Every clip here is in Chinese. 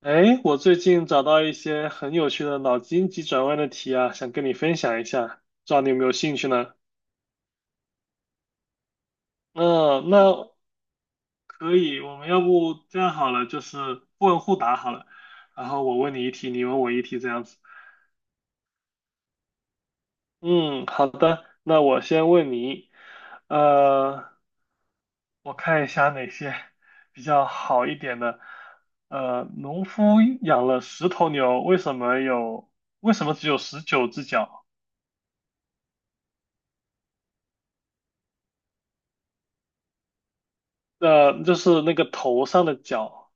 哎，我最近找到一些很有趣的脑筋急转弯的题啊，想跟你分享一下，不知道你有没有兴趣呢？嗯，那可以，我们要不这样好了，就是互问互答好了，然后我问你一题，你问我一题，这样子。嗯，好的，那我先问你，呃，我看一下哪些 比较好一点的。农夫养了10头牛，为什么有，为什么只有十九只脚？就是那个头上的角，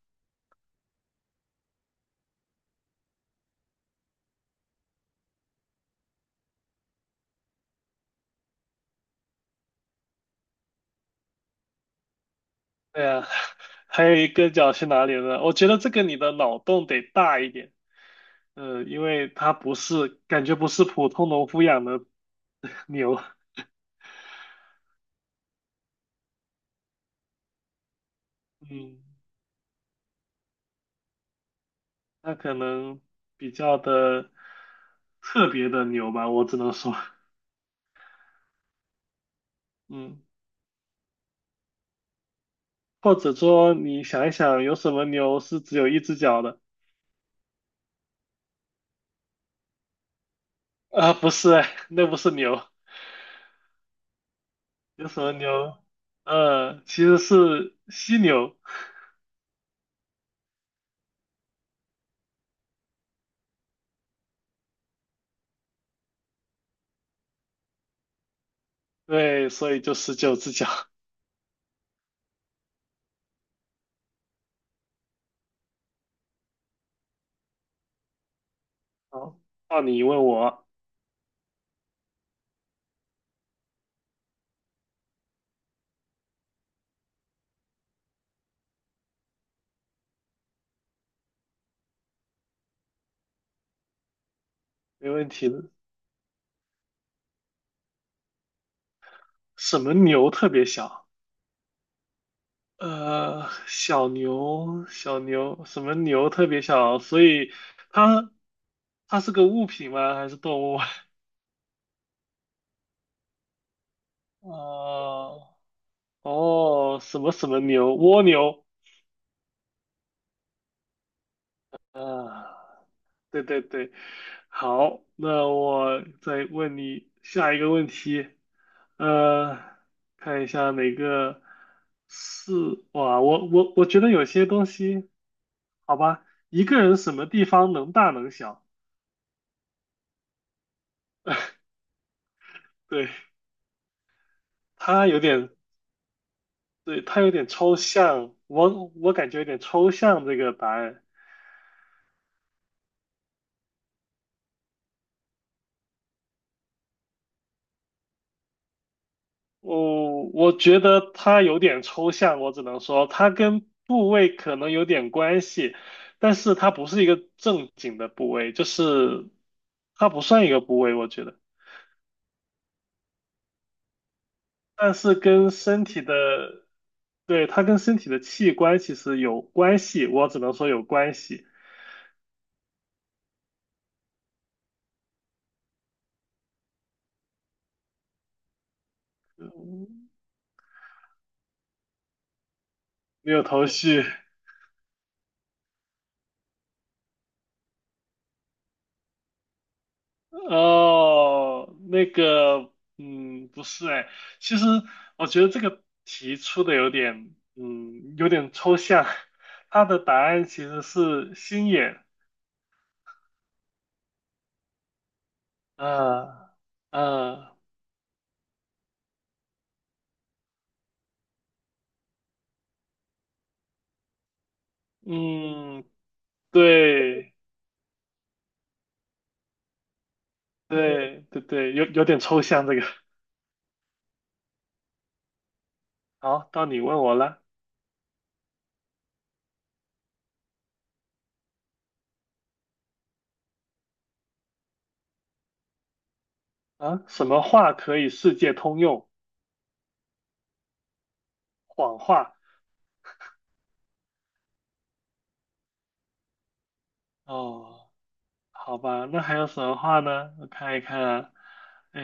对呀，还有一个角去哪里了呢？我觉得这个你的脑洞得大一点，因为它不是，感觉不是普通农夫养的 牛，嗯，它可能比较的特别的牛吧，我只能说，嗯，或者说你想一想，有什么牛是只有一只脚的？啊、不是哎，那不是牛，有什么牛？其实是犀牛。对，所以就十九只脚。好 到你问我，没问题的。什么牛特别小？小牛，小牛，什么牛特别小？所以它它是个物品吗？还是动物？啊，哦，什么什么牛？蜗牛。啊，对对对。好，那我再问你下一个问题。呃，看一下哪个是哇，我觉得有些东西，好吧，一个人什么地方能大能小，对，他有点，对，他有点抽象，我感觉有点抽象这个答案，我觉得他有点抽象，我只能说他跟部位可能有点关系，但是它不是一个正经的部位，就是它不算一个部位，我觉得。但是跟身体的，对，它跟身体的器官其实有关系，我只能说有关系，没有头绪。哦，那个，嗯，不是哎，其实我觉得这个题出的有点，有点抽象。它的答案其实是心眼，啊、啊、嗯，对，对，对对，有点抽象这个。好，到你问我了。啊，什么话可以世界通用？谎话。哦，好吧，那还有什么话呢？我看一看啊，哎，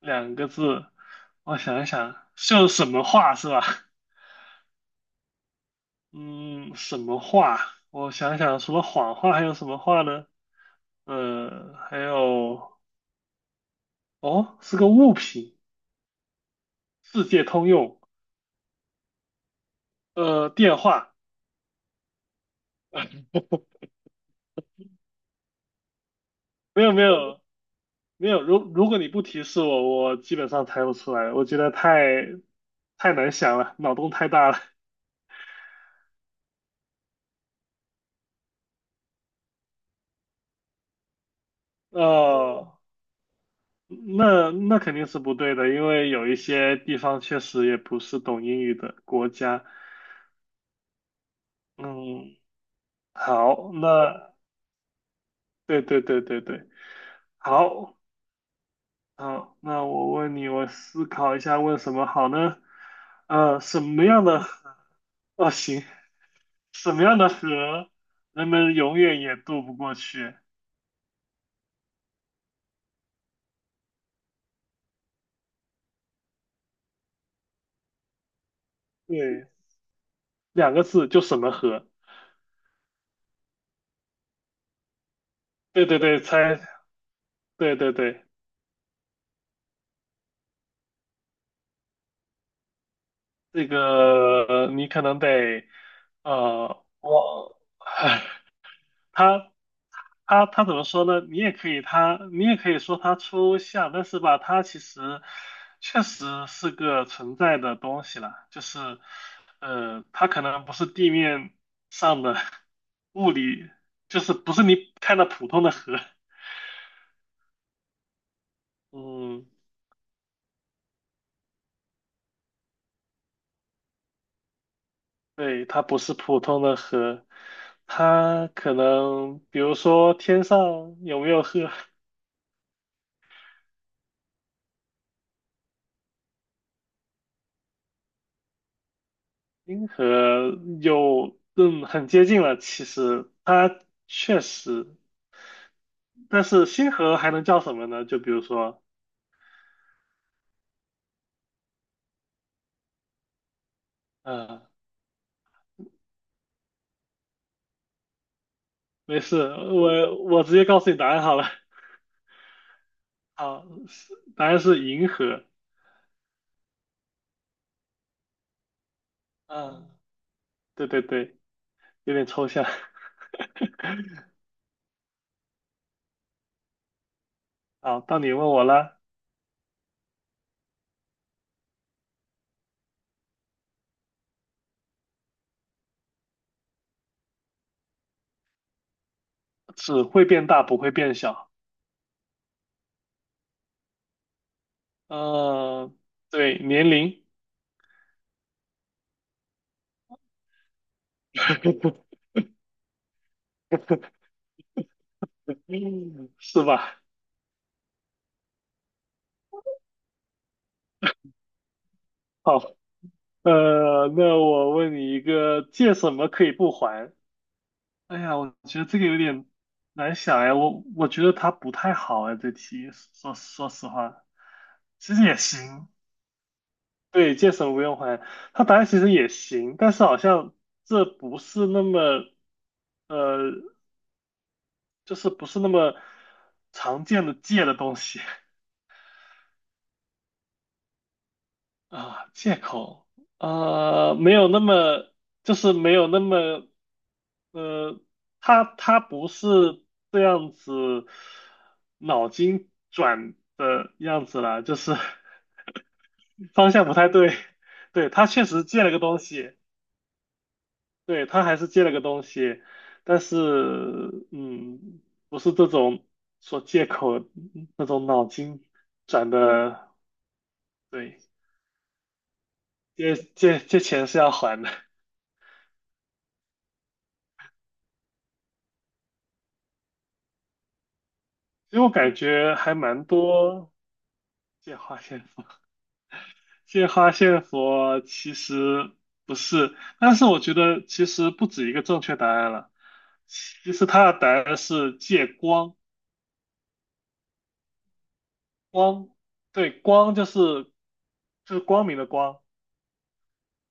两个字，我想一想，就什么话是吧？嗯，什么话？我想想，除了谎话还有什么话呢？还有，哦，是个物品，世界通用。电话，没有没有，没有，如果你不提示我，我基本上猜不出来。我觉得太难想了，脑洞太大了。哦，那肯定是不对的，因为有一些地方确实也不是懂英语的国家。嗯，好，那对对对对对，好，好，那我问你，我思考一下问什么好呢？什么样的河？哦，行，什么样的河人们永远也渡不过去？对。两个字就什么河。对对对，猜，对对对，这个你可能得我，唉，他他怎么说呢？你也可以他，你也可以说他抽象，但是吧，他其实确实是个存在的东西啦，就是它可能不是地面上的 物理，就是不是你看到普通的河，嗯。对，它不是普通的河，它可能比如说天上有没有河，银河有，很接近了。其实它确实，但是星河还能叫什么呢？就比如说，嗯，没事，我直接告诉你答案好了。好，是答案是银河。嗯，对对对，有点抽象。好，到你问我了，只会变大不会变小。嗯、对，年龄。是吧？好，那我问你一个，借什么可以不还？哎呀，我觉得这个有点难想哎，我觉得它不太好哎，这题说实话，其实也行，对，借什么不用还，它答案其实也行，但是好像这不是那么，呃，就是不是那么常见的借的东西 啊，借口，没有那么。就是没有那么呃，他不是这样子脑筋转的样子啦，就是 方向不太对。对，他确实借了个东西，对，他还是借了个东西，但是嗯，不是这种说借口那种脑筋转的，对，借钱是要还的。其实我感觉还蛮多借花献佛。借花献佛其实不是，但是我觉得其实不止一个正确答案了。其实它的答案是借光，光，对，光就是就是光明的光，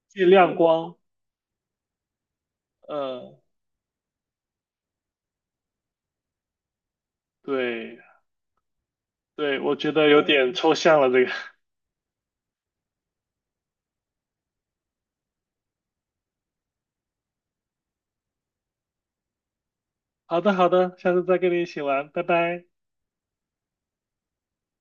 借亮光。呃，对对，我觉得有点抽象了这个。好的好的，下次再跟你一起玩，拜拜。